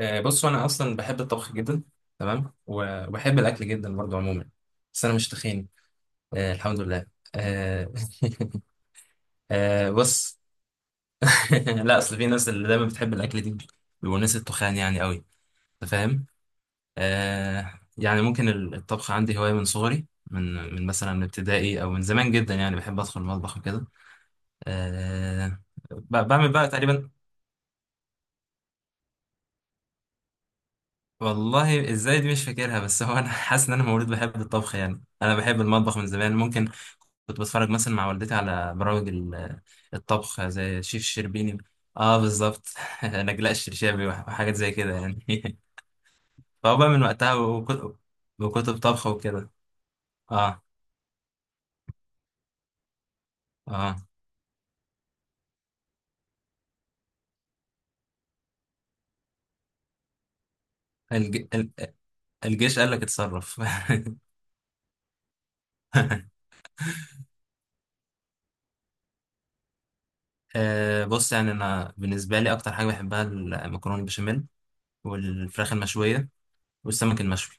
بصوا انا اصلا بحب الطبخ جدا. تمام، وبحب الاكل جدا برضو عموما. بس انا مش تخين. آه، الحمد لله. آه، آه، بص. لا، اصل في ناس اللي دايما بتحب الاكل دي بيبقوا ناس التخان يعني قوي. انت فاهم؟ آه، يعني ممكن الطبخ عندي هوايه من صغري، من مثلا من ابتدائي او من زمان جدا، يعني بحب ادخل المطبخ وكده. آه، بعمل بقى تقريبا. والله ازاي دي مش فاكرها، بس هو انا حاسس ان انا مولود بحب الطبخ. يعني انا بحب المطبخ من زمان، ممكن كنت بتفرج مثلا مع والدتي على برامج الطبخ زي شيف الشربيني. اه بالظبط. نجلاء الشرشابي وحاجات زي كده يعني. فهو بقى من وقتها وكتب، وكتب طبخ وكده. اه اه. الج... ال- الجيش قال لك اتصرف. آه بص، يعني انا بالنسبه لي اكتر حاجه بحبها المكرونه البشاميل والفراخ المشويه والسمك المشوي.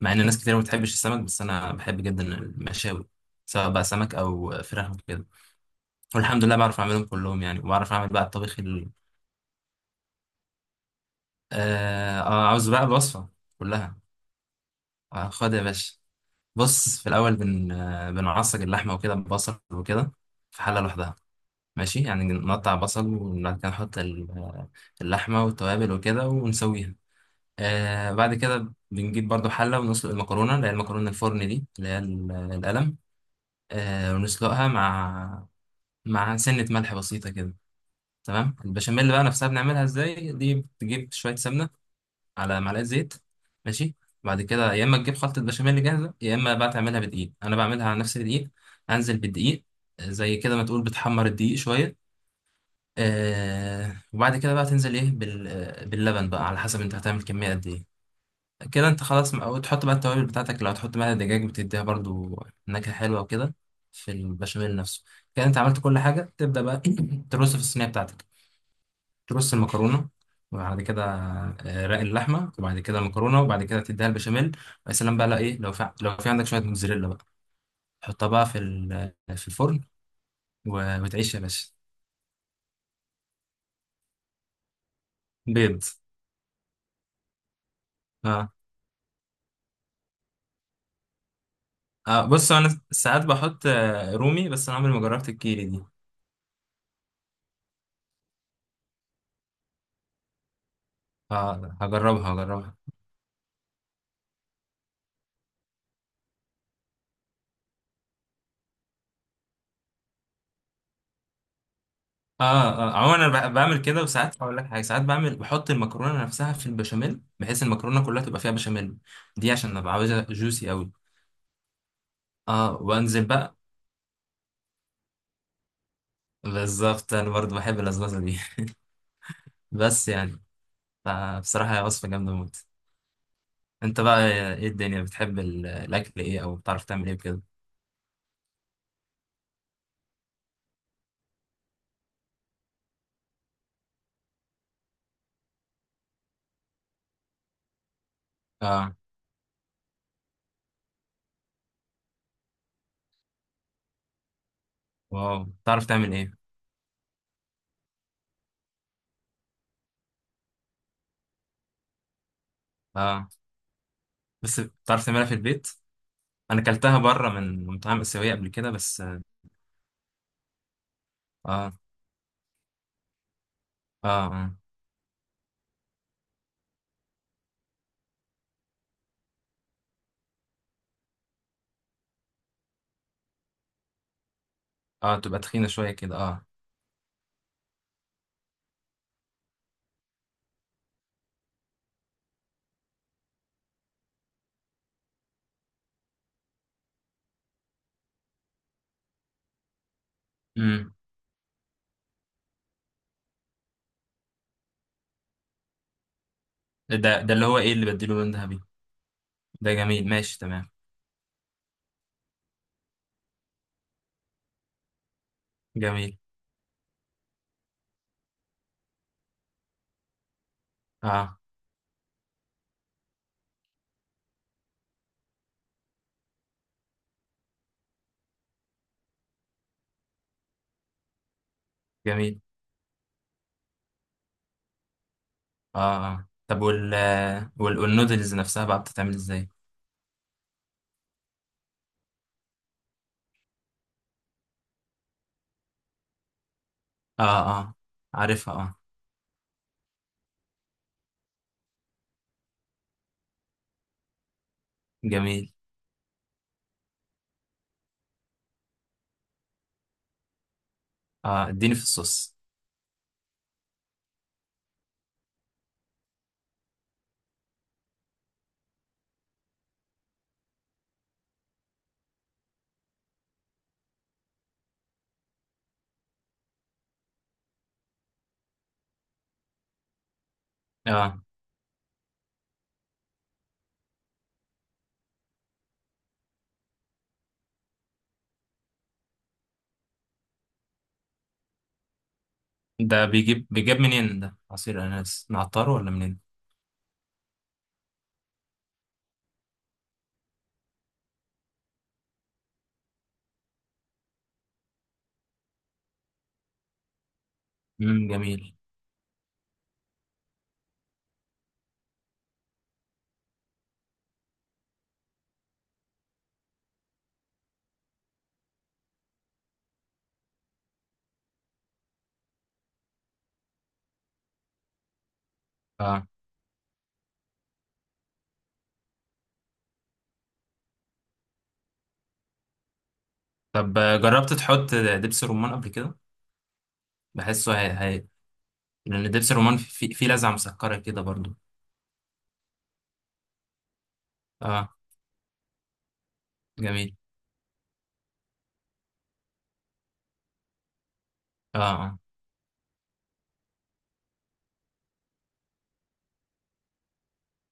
مع ان ناس كتير ما بتحبش السمك، بس انا بحب جدا المشاوي سواء بقى سمك او فراخ وكده. والحمد لله بعرف اعملهم كلهم، يعني وبعرف اعمل بقى الطبيخ ال... آه آه، عاوز بقى الوصفة كلها؟ آه، خد يا باشا. بص في الأول بن آه، بنعصج اللحمة وكده ببصل وكده في حلة لوحدها. ماشي، يعني نقطع بصل وبعد كده نحط اللحمة والتوابل وكده ونسويها. آه بعد كده بنجيب برضو حلة ونسلق المكرونة اللي هي المكرونة الفرن دي اللي هي القلم. آه ونسلقها مع سنة ملح بسيطة كده. تمام. البشاميل بقى نفسها بنعملها ازاي؟ دي بتجيب شوية سمنة على معلقه زيت. ماشي. بعد كده يا اما تجيب خلطه بشاميل جاهزه يا اما بقى تعملها بدقيق. انا بعملها على نفس الدقيق. انزل بالدقيق، زي كده ما تقول بتحمر الدقيق شويه. آه وبعد كده بقى تنزل ايه باللبن بقى، على حسب انت هتعمل كميه قد ايه. كده انت خلاص، او تحط بقى التوابل بتاعتك. لو هتحط معاها دجاج بتديها برضو نكهه حلوه وكده في البشاميل نفسه. كده انت عملت كل حاجه، تبدا بقى ترص في الصينيه بتاعتك. ترص المكرونه وبعد كده رق اللحمه، وبعد كده المكرونه، وبعد كده تديها البشاميل. ويا سلام بقى، لو في عندك شويه موتزاريلا بقى تحطها بقى في في الفرن. وتعيش يا باشا. بيض. اه، آه بص انا ساعات بحط رومي، بس انا عمري ما جربت الكيري دي. اه هجربها هجربها. اه اه. عموما انا بعمل كده، وساعات هقول لك حاجه، ساعات بعمل بحط المكرونه نفسها في البشاميل بحيث المكرونه كلها تبقى فيها بشاميل. دي عشان ابقى عاوزها جوسي قوي. اه وانزل بقى. بالظبط، انا برضو بحب اللزلزه دي. بس يعني، فبصراحه هي وصفه جامده موت. انت بقى، ايه الدنيا بتحب الاكل ايه، او بتعرف تعمل ايه بكده؟ اه. واو، بتعرف تعمل ايه؟ اه بس بتعرف تعملها في البيت؟ انا اكلتها بره من مطاعم اسيويه قبل كده، بس اه اه. اه اه تبقى تخينه شويه كده، اه. امم. ده اللي هو ايه اللي بديله لون ذهبي؟ ده جميل، ماشي تمام. جميل. اه. جميل. اه اه. طب والنودلز نفسها بقى بتتعمل ازاي؟ اه اه عارفها اه. جميل. اه اديني في الصوص. اه. ده بيجيب منين ده، عصير اناناس نعطره ولا منين؟ امم، جميل. اه طب جربت تحط دبس رمان قبل كده؟ بحسه هي هي، لان دبس الرمان فيه في لذعه مسكره كده برضو. اه جميل. اه اه.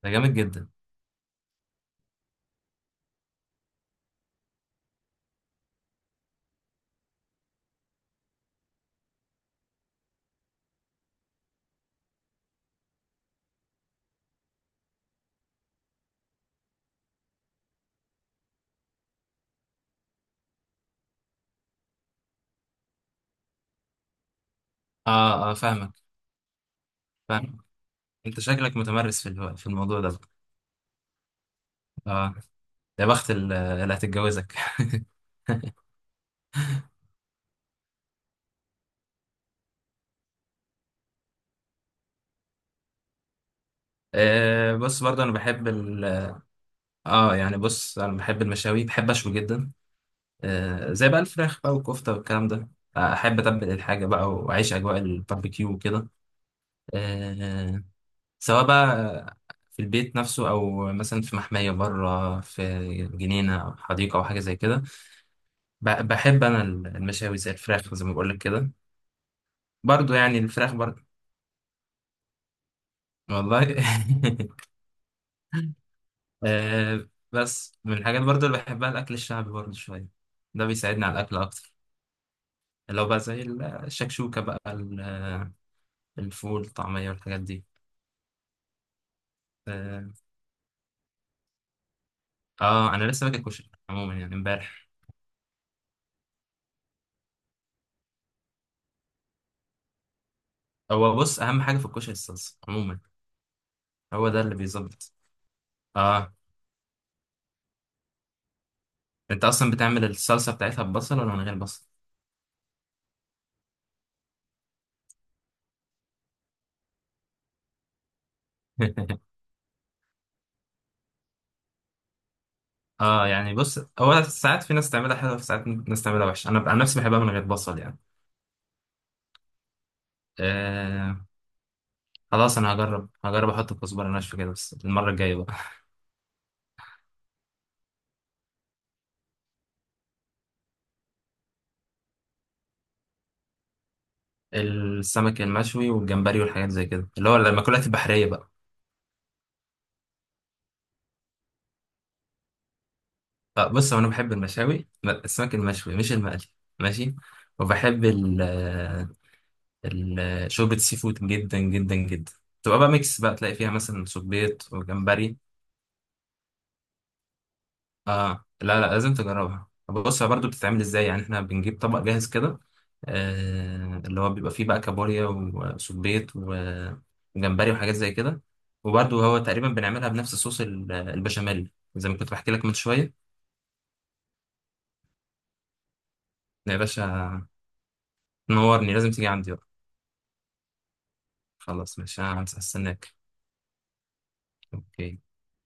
ده جامد جدا. اه اه فاهمك، فاهمك. انت شكلك متمرس في الموضوع ده. اه. يا بخت اللي هتتجوزك. آه، بص برضه انا بحب ال... اه يعني بص انا بحب المشاوي، بحب اشوي جدا. آه زي بقى الفراخ بقى والكفته والكلام ده، آه، احب اتبل الحاجه بقى واعيش اجواء الباربيكيو وكده. آه، سواء بقى في البيت نفسه او مثلا في محميه بره، في جنينه او حديقه او حاجه زي كده. بحب انا المشاوي زي الفراخ، زي ما بقول لك كده. برضو يعني الفراخ برضو. والله. آه بس من الحاجات برضو اللي بحبها الاكل الشعبي برضو شويه، ده بيساعدني على الاكل اكتر. اللي هو بقى زي الشكشوكة بقى، الفول الطعمية والحاجات دي. اه. آه، انا لسه باكل كشري عموما، يعني امبارح. هو بص اهم حاجة في الكشري الصلصة عموما. هو ده اللي بيظبط. اه. انت اصلا بتعمل الصلصة بتاعتها ببصل ولا من غير بصل؟ اه يعني بص هو ساعات في ناس تعملها حلوة، وفي ساعات ناس تعملها وحشة. انا عن نفسي بحبها من غير بصل يعني. آه. خلاص انا هجرب هجرب احط كزبرة ناشفة كده، بس المرة الجاية بقى. السمك المشوي والجمبري والحاجات زي كده، اللي هو المأكولات البحرية بقى. آه، بص هو انا بحب المشاوي، السمك المشوي مش المقلي. ماشي. وبحب شوربة السي فود جدا جدا جدا. تبقى بقى ميكس بقى، تلاقي فيها مثلا صبيط وجمبري. اه لا لا، لازم تجربها. بص هي برضو بتتعمل ازاي يعني، احنا بنجيب طبق جاهز كده. آه، اللي هو بيبقى فيه بقى كابوريا وصبيط وجمبري وحاجات زي كده. وبرضو هو تقريبا بنعملها بنفس صوص البشاميل، زي ما كنت بحكي لك من شوية. يا باشا. تنورني، لازم تيجي عندي. خلاص ماشي، انا هستناك. اوكي.